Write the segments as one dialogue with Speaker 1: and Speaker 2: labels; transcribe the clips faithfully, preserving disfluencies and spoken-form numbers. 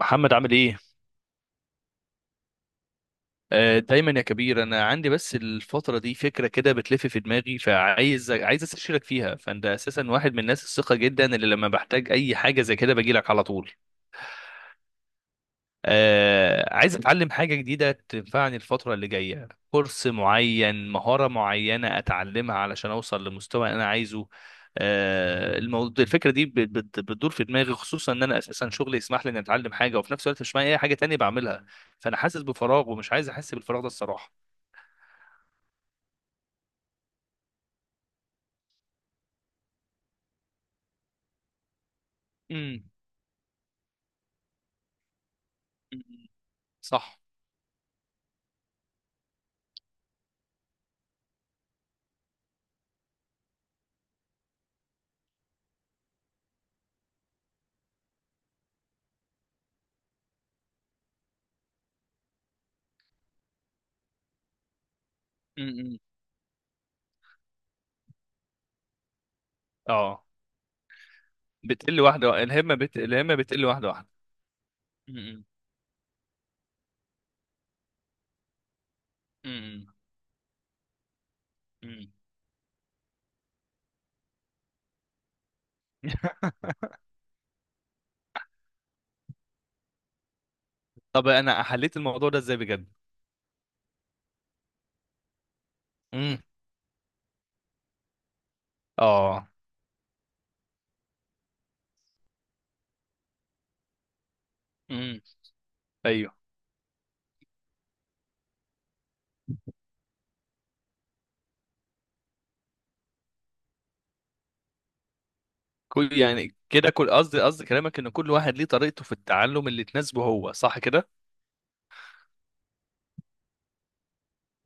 Speaker 1: محمد عامل ايه؟ آه، دايما يا كبير. انا عندي بس الفترة دي فكرة كده بتلف في دماغي، فعايز عايز استشيرك فيها. فانت اساسا واحد من الناس الثقة جدا، اللي لما بحتاج اي حاجة زي كده باجي لك على طول. آه، عايز اتعلم حاجة جديدة تنفعني الفترة اللي جاية، كورس معين، مهارة معينة اتعلمها علشان اوصل لمستوى انا عايزه. آه، الموضوع الفكرة دي بت- بت- بتدور في دماغي، خصوصا ان انا اساسا شغلي يسمح لي اني اتعلم حاجة، وفي نفس الوقت مش معايا اي حاجة تانية بعملها. فانا حاسس بفراغ ومش عايز احس بالفراغ ده الصراحة. امم. أمم. صح. امم. اه. بتقل واحدة، الهمة بت... الهمة بتقل واحدة واحدة. امم. أمم. أمم. طب انا حليت الموضوع ده ازاي بجد؟ اه. امم. ايوه. كل يعني كده، كل قصدي قصدي كلامك ان كل واحد ليه طريقته في التعلم اللي تناسبه هو، صح كده؟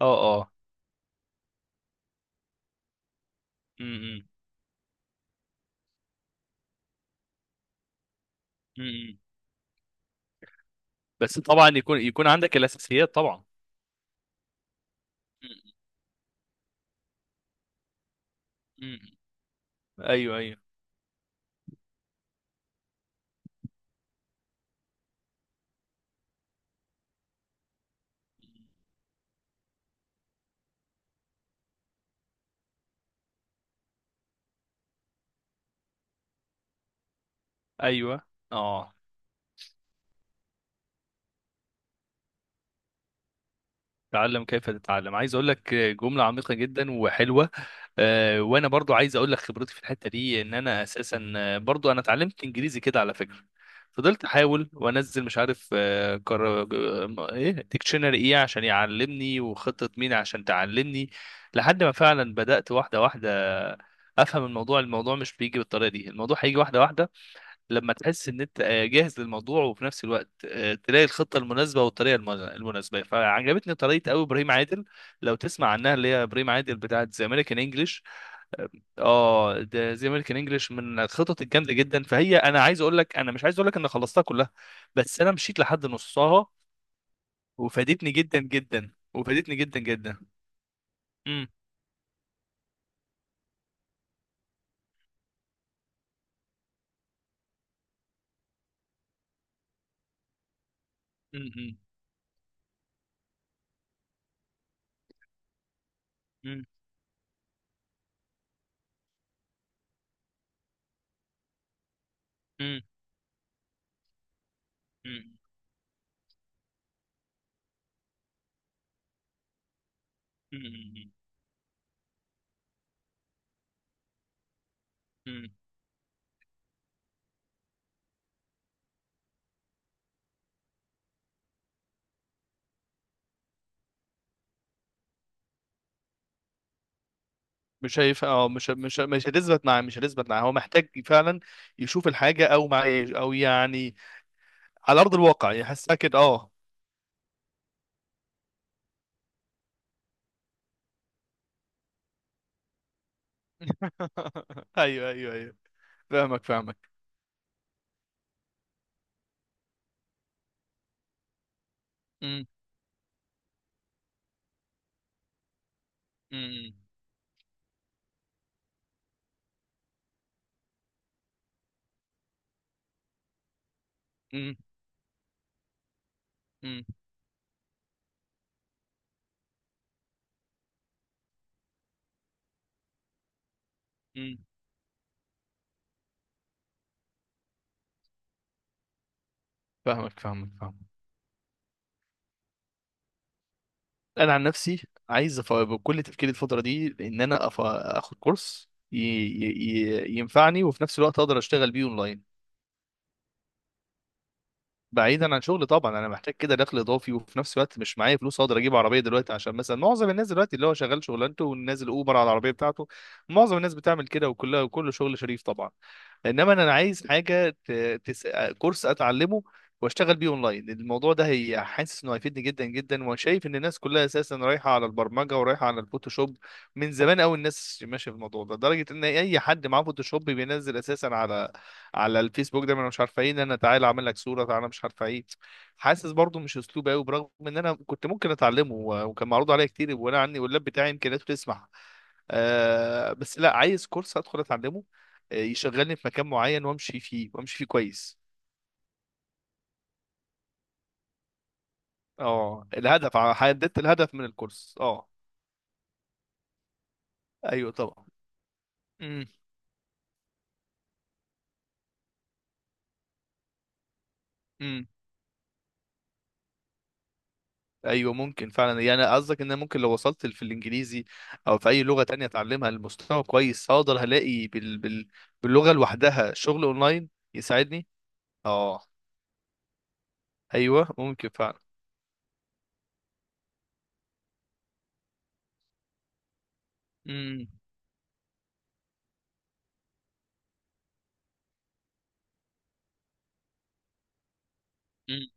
Speaker 1: اه. اه. امم. امم. بس طبعا يكون يكون عندك الاساسيات طبعا. امم. ايوه، ايوه، ايوه. اه. تعلم كيف تتعلم. عايز اقول لك جملة عميقة جدا وحلوة. آه، وانا برضو عايز اقول لك خبرتي في الحته دي، ان انا اساسا آه، برضو انا اتعلمت انجليزي كده على فكره. فضلت احاول وانزل، مش عارف آه، كر... آه، ايه ديكشنري، ايه عشان يعلمني، وخطه مين عشان تعلمني. لحد ما فعلا بدات واحده واحده افهم الموضوع. الموضوع مش بيجي بالطريقه دي، الموضوع هيجي واحده واحده. لما تحس ان انت آه، جاهز للموضوع، وفي نفس الوقت آه، تلاقي الخطه المناسبه والطريقه المن- المناسبه. فعجبتني طريقه قوي ابراهيم عادل، لو تسمع عنها، اللي هي ابراهيم عادل بتاعت ذا امريكان انجلش. اه، ده زي امريكان انجلش من الخطط الجامده جدا. فهي، انا عايز اقول لك، انا مش عايز اقول لك ان خلصتها كلها، بس انا مشيت لحد نصها وفادتني جدا جدا، وفادتني جدا جدا. امم. امم. امم. امم. امم. امم. امم. مش هيف اه مش مش مش هتثبت معاه، مش هتثبت معاه هو محتاج فعلا يشوف الحاجه، او مع او يعني على ارض الواقع يحسها كده، اه. ايوه، ايوه، ايوه. فاهمك فاهمك. امم. امم. امم. امم. فاهمك فاهمك فاهمك. انا عن نفسي عايز أف- بكل تفكيري الفتره دي ان انا أف- اخد كورس ي... ي... ي- ينفعني، وفي نفس الوقت اقدر اشتغل بيه اونلاين بعيدا عن شغل طبعا. انا محتاج كده دخل اضافي، وفي نفس الوقت مش معايا فلوس اقدر اجيب عربيه دلوقتي، عشان مثلا معظم الناس دلوقتي اللي هو شغال شغلانته ونازل اوبر على العربيه بتاعته. معظم الناس بتعمل كده، وكلها وكل شغل شريف طبعا. انما انا عايز حاجه ت... تس... كورس اتعلمه واشتغل بيه اونلاين. الموضوع ده هي حاسس انه هيفيدني جدا جدا، وشايف ان الناس كلها اساسا رايحه على البرمجه ورايحه على الفوتوشوب. من زمان قوي الناس ماشيه في الموضوع ده، لدرجه ان اي حد معاه فوتوشوب بينزل اساسا على على الفيسبوك دايما، أنا مش عارفه ايه، ان انا تعالى اعمل لك صوره، تعالى مش عارفه ايه. حاسس برضو مش اسلوب قوي، برغم ان انا كنت ممكن اتعلمه و- وكان معروض عليا كتير، وانا عندي واللاب بتاعي امكانياته تسمح. آه، بس لا، عايز كورس ادخل اتعلمه. آه، يشغلني في مكان معين وامشي فيه، وامشي فيه كويس. اه، الهدف، حددت الهدف من الكورس، اه. ايوه طبعا. امم. إمم. ايوه ممكن فعلا. يعني قصدك ان أنا ممكن لو وصلت في الانجليزي او في اي لغه تانية اتعلمها لمستوى كويس، هقدر هلاقي بال... بال... باللغه لوحدها شغل اونلاين يساعدني. اه. ايوه ممكن فعلا. امم. أمم.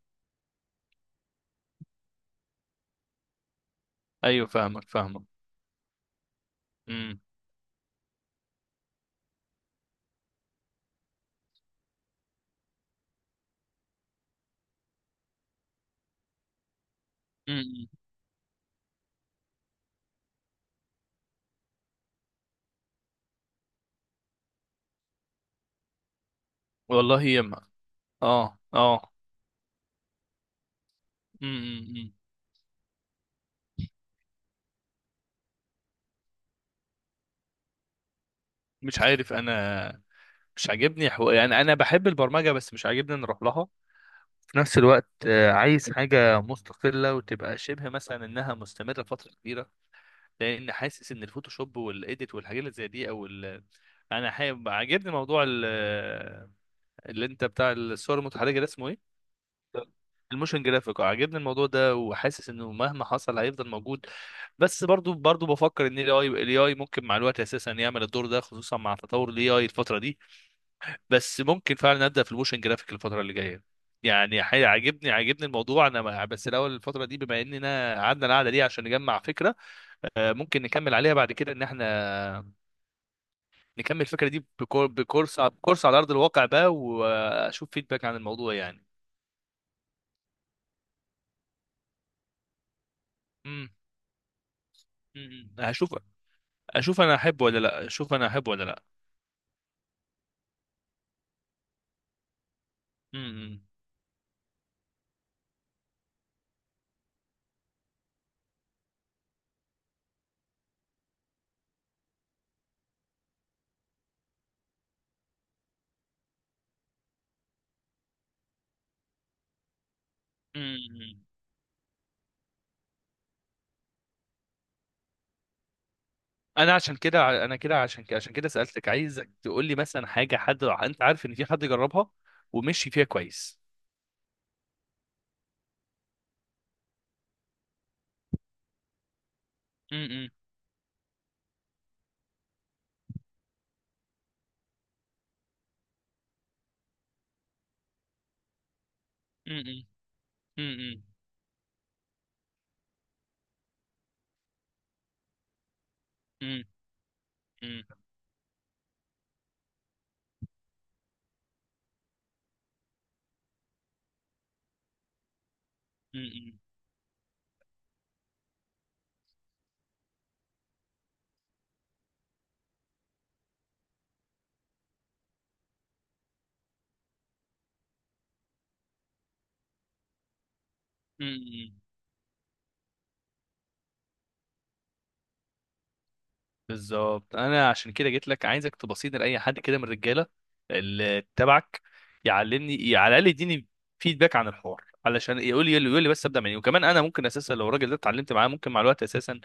Speaker 1: ايوه. فاهمك فاهمك. امم. أمم. والله يما. اه، اه. امم. أمم. مش عارف انا. مش عاجبني حو... يعني انا بحب البرمجه، بس مش عاجبني ان اروح لها. في نفس الوقت آه، عايز حاجه مستقله وتبقى شبه مثلا انها مستمره فتره كبيره. لان حاسس ان الفوتوشوب والايديت والحاجات اللي زي دي او ال... انا حابب، عاجبني موضوع ال... اللي انت بتاع الصور المتحركه ده اسمه ايه؟ الموشن جرافيك، عاجبني الموضوع ده، وحاسس انه مهما حصل هيفضل موجود. بس برضو برضو بفكر ان الاي الاي اي ممكن مع الوقت اساسا يعمل الدور ده، خصوصا مع تطور الاي اي الفتره دي. بس ممكن فعلا ابدا في الموشن جرافيك الفتره اللي جايه. يعني حي- عاجبني عاجبني الموضوع انا. ما- بس الاول الفتره دي، بما اننا قعدنا القعده دي عشان نجمع فكره، آه، ممكن نكمل عليها بعد كده، ان احنا نكمل الفكره دي بكور بكورس بكورس على ارض الواقع بقى، واشوف فيدباك عن الموضوع يعني. امم. أمم. هشوف. اشوف انا احبه ولا لا، اشوف انا احبه ولا لا. امم. أمم. انا عشان كده ع- انا كده عشان كده عشان كده سالتك عايزك تقول لي مثلا حاجه، حد انت عارف ان في حد جربها ومشي فيها كويس. امم. أمم. أمم. أمم. أمم. أمم. أمم. بالظبط، انا عشان كده جيت لك عايزك تبصيني لاي حد كده من الرجاله اللي تبعك يعلمني، على الاقل يديني فيدباك عن الحوار، علشان يقول لي يقول لي بس ابدا منين. وكمان انا ممكن اساسا لو الراجل ده اتعلمت معاه، ممكن مع الوقت اساسا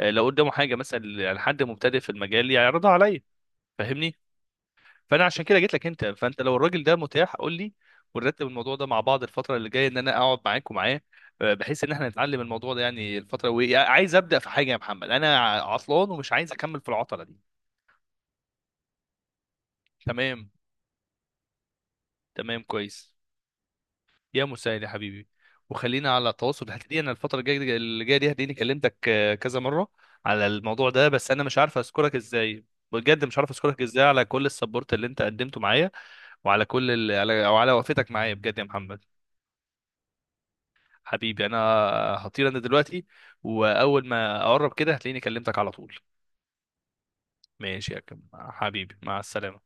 Speaker 1: آه، لو قدامه حاجه مثلا لحد مبتدئ في المجال يعرضها عليا. فاهمني؟ فانا عشان كده جيت لك انت، فانت لو الراجل ده متاح قول لي، ونرتب الموضوع ده مع بعض الفتره اللي جايه، ان انا اقعد معاك ومعاه، آه، بحيث ان احنا نتعلم الموضوع ده. يعني الفتره، وعايز ابدا في حاجه يا محمد، انا عطلان ومش عايز اكمل في العطله دي. تمام. تمام كويس. يا مساعد يا حبيبي، وخلينا على تواصل. هتلاقي انا الفتره الجايه اللي جايه دي هتلاقيني كلمتك آه، كذا مره على الموضوع ده. بس انا مش عارف اذكرك ازاي بجد، مش عارف اذكرك ازاي على كل السبورت اللي انت قدمته معايا، وعلى كل ال... على او على وقفتك معايا، بجد يا محمد. حبيبي انا. هطير انا دلوقتي، واول ما اقرب كده هتلاقيني كلمتك على طول. ماشي يا كم- حبيبي، مع السلامه.